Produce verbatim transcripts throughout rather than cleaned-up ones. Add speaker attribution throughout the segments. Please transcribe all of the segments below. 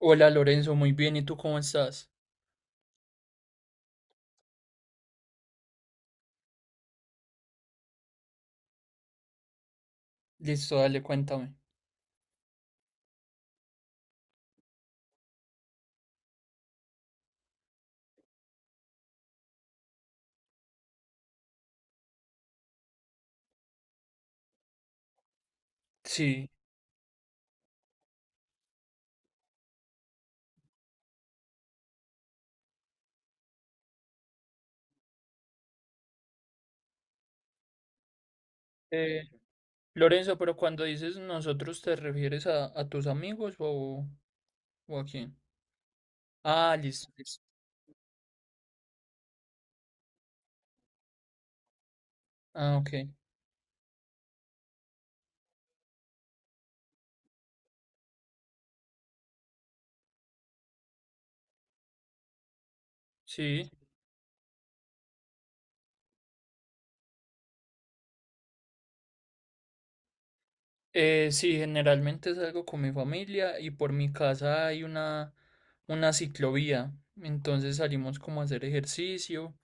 Speaker 1: Hola Lorenzo, muy bien, ¿y tú cómo estás? Listo, dale, cuéntame. Sí. Eh, Lorenzo, pero cuando dices nosotros, ¿te refieres a, a tus amigos o, o a quién? Ah, listo, listo. Ah, ok. Sí. Eh, sí, generalmente salgo con mi familia y por mi casa hay una, una ciclovía. Entonces salimos como a hacer ejercicio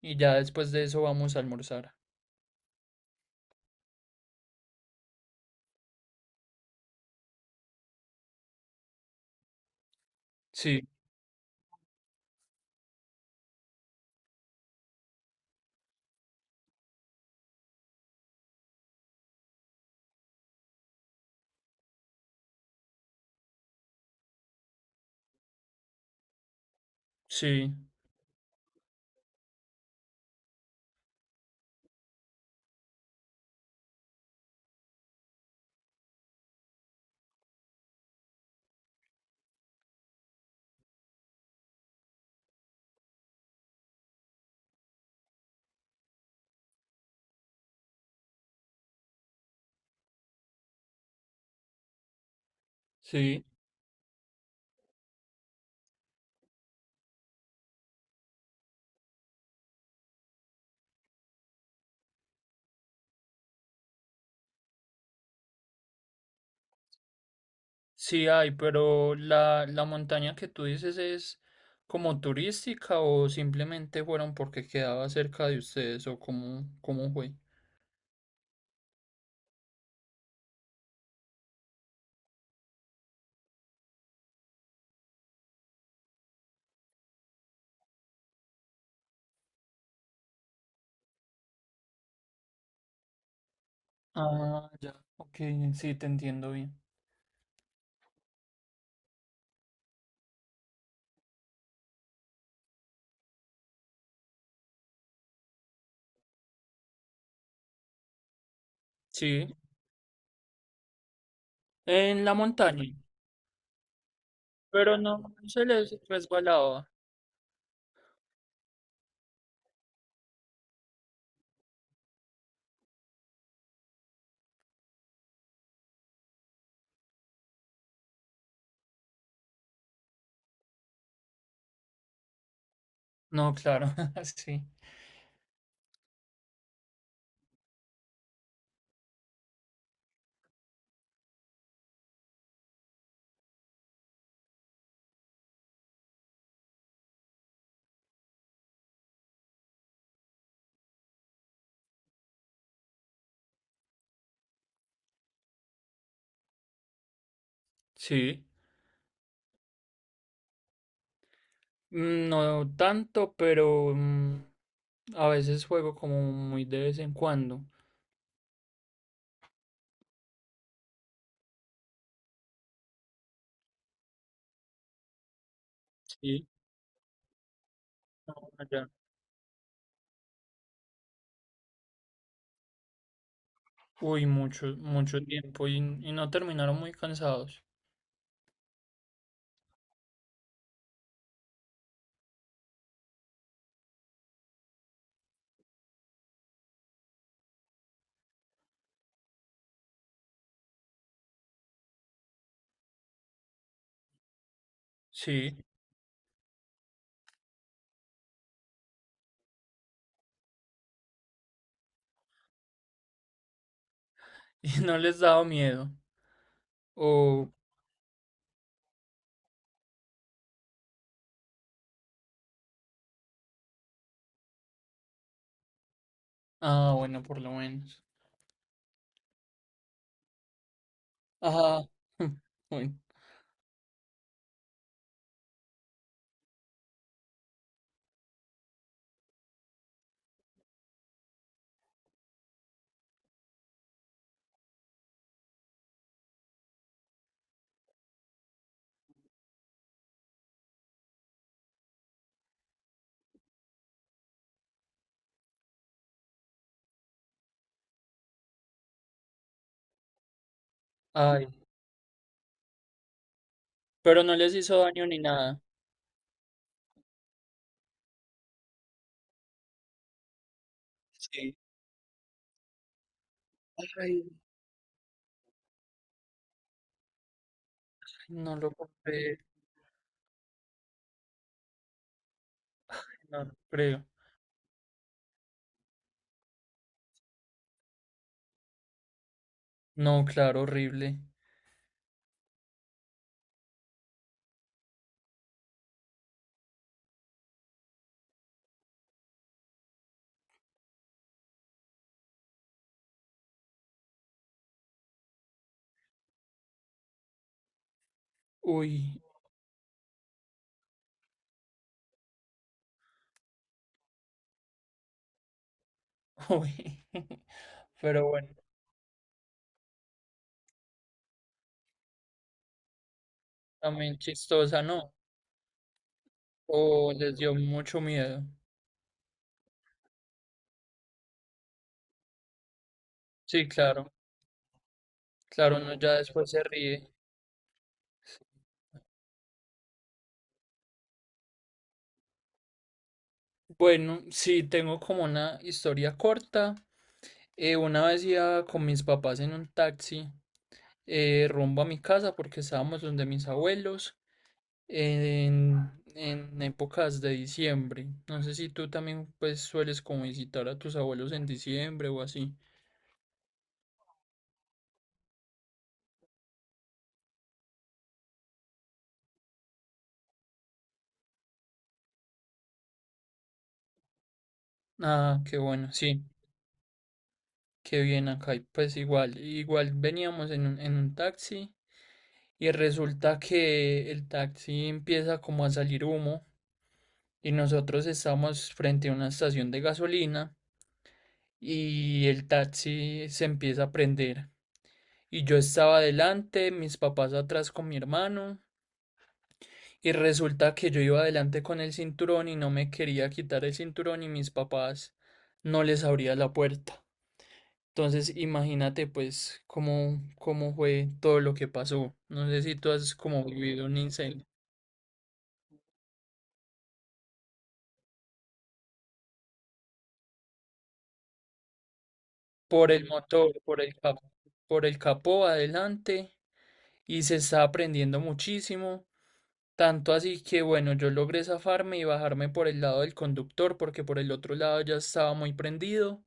Speaker 1: y ya después de eso vamos a almorzar. Sí, sí, sí. Sí hay, pero la, la montaña que tú dices es como turística o simplemente fueron porque quedaba cerca de ustedes o cómo, cómo fue. Ah, ya, ok, sí, te entiendo bien. Sí, en la montaña, pero no no se les resbalaba. No, claro, sí. Sí, mm, no tanto, pero mm, a veces juego como muy de vez en cuando. Sí, no, ya. Uy, mucho, mucho tiempo y, y no terminaron muy cansados. Sí, y no les daba miedo. O, ah, bueno, por lo menos. Ajá, bueno, ay, pero no les hizo daño ni nada. Sí. Ay, no lo puedo no lo creo. No, claro, horrible. Uy, uy. Pero bueno, también chistosa, ¿no? O les dio mucho miedo. Sí, claro, claro, uno ya después se ríe. Bueno, sí, tengo como una historia corta. Eh, una vez iba con mis papás en un taxi eh, rumbo a mi casa porque estábamos donde mis abuelos en, en épocas de diciembre. No sé si tú también pues sueles como visitar a tus abuelos en diciembre o así. Ah, qué bueno, sí, qué bien acá. Y pues igual, igual veníamos en un, en un taxi y resulta que el taxi empieza como a salir humo. Y nosotros estábamos frente a una estación de gasolina y el taxi se empieza a prender. Y yo estaba adelante, mis papás atrás con mi hermano, y resulta que yo iba adelante con el cinturón y no me quería quitar el cinturón y mis papás no les abría la puerta. Entonces imagínate pues cómo, cómo fue todo lo que pasó. No sé si tú has como vivido un incendio. Por el motor, por el capó, por el capó adelante y se está aprendiendo muchísimo. Tanto así que bueno, yo logré zafarme y bajarme por el lado del conductor porque por el otro lado ya estaba muy prendido.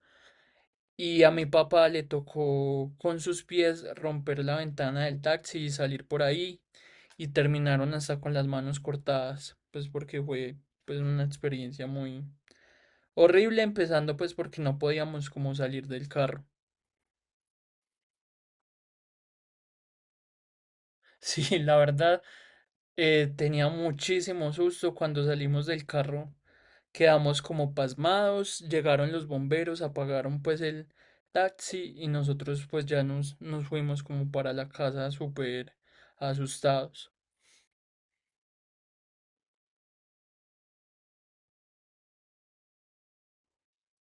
Speaker 1: Y a mi papá le tocó con sus pies romper la ventana del taxi y salir por ahí. Y terminaron hasta con las manos cortadas, pues porque fue pues una experiencia muy horrible, empezando pues porque no podíamos como salir del carro. Sí, la verdad, eh, tenía muchísimo susto cuando salimos del carro. Quedamos como pasmados, llegaron los bomberos, apagaron pues el taxi y nosotros pues ya nos, nos fuimos como para la casa súper asustados.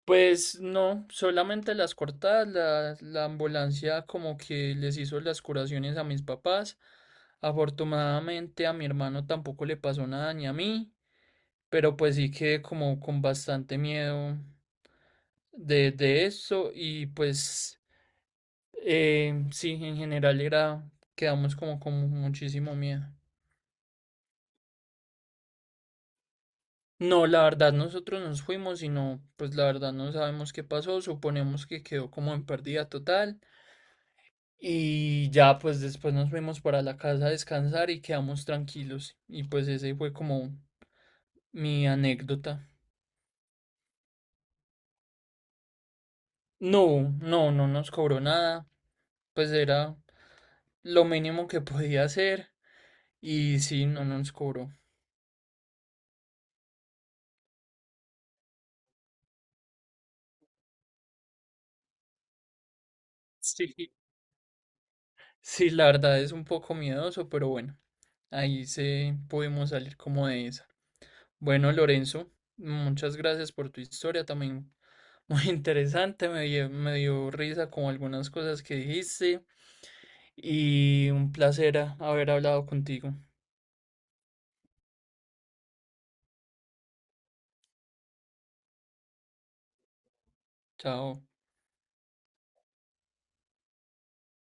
Speaker 1: Pues no, solamente las cortadas, la, la ambulancia como que les hizo las curaciones a mis papás. Afortunadamente a mi hermano tampoco le pasó nada ni a mí, pero pues sí quedé como con bastante miedo de, de eso y pues... Eh, sí, en general era, quedamos como con muchísimo miedo. No, la verdad nosotros nos fuimos y no, pues la verdad no sabemos qué pasó, suponemos que quedó como en pérdida total y ya pues después nos fuimos para la casa a descansar y quedamos tranquilos y pues ese fue como mi anécdota. No, no, no nos cobró nada, pues era lo mínimo que podía hacer y sí, no nos cobró. Sí. Sí, la verdad es un poco miedoso, pero bueno. Ahí se pudimos salir como de esa. Bueno, Lorenzo, muchas gracias por tu historia también. Muy interesante, me dio, me dio risa con algunas cosas que dijiste y un placer a- haber hablado contigo. Chao.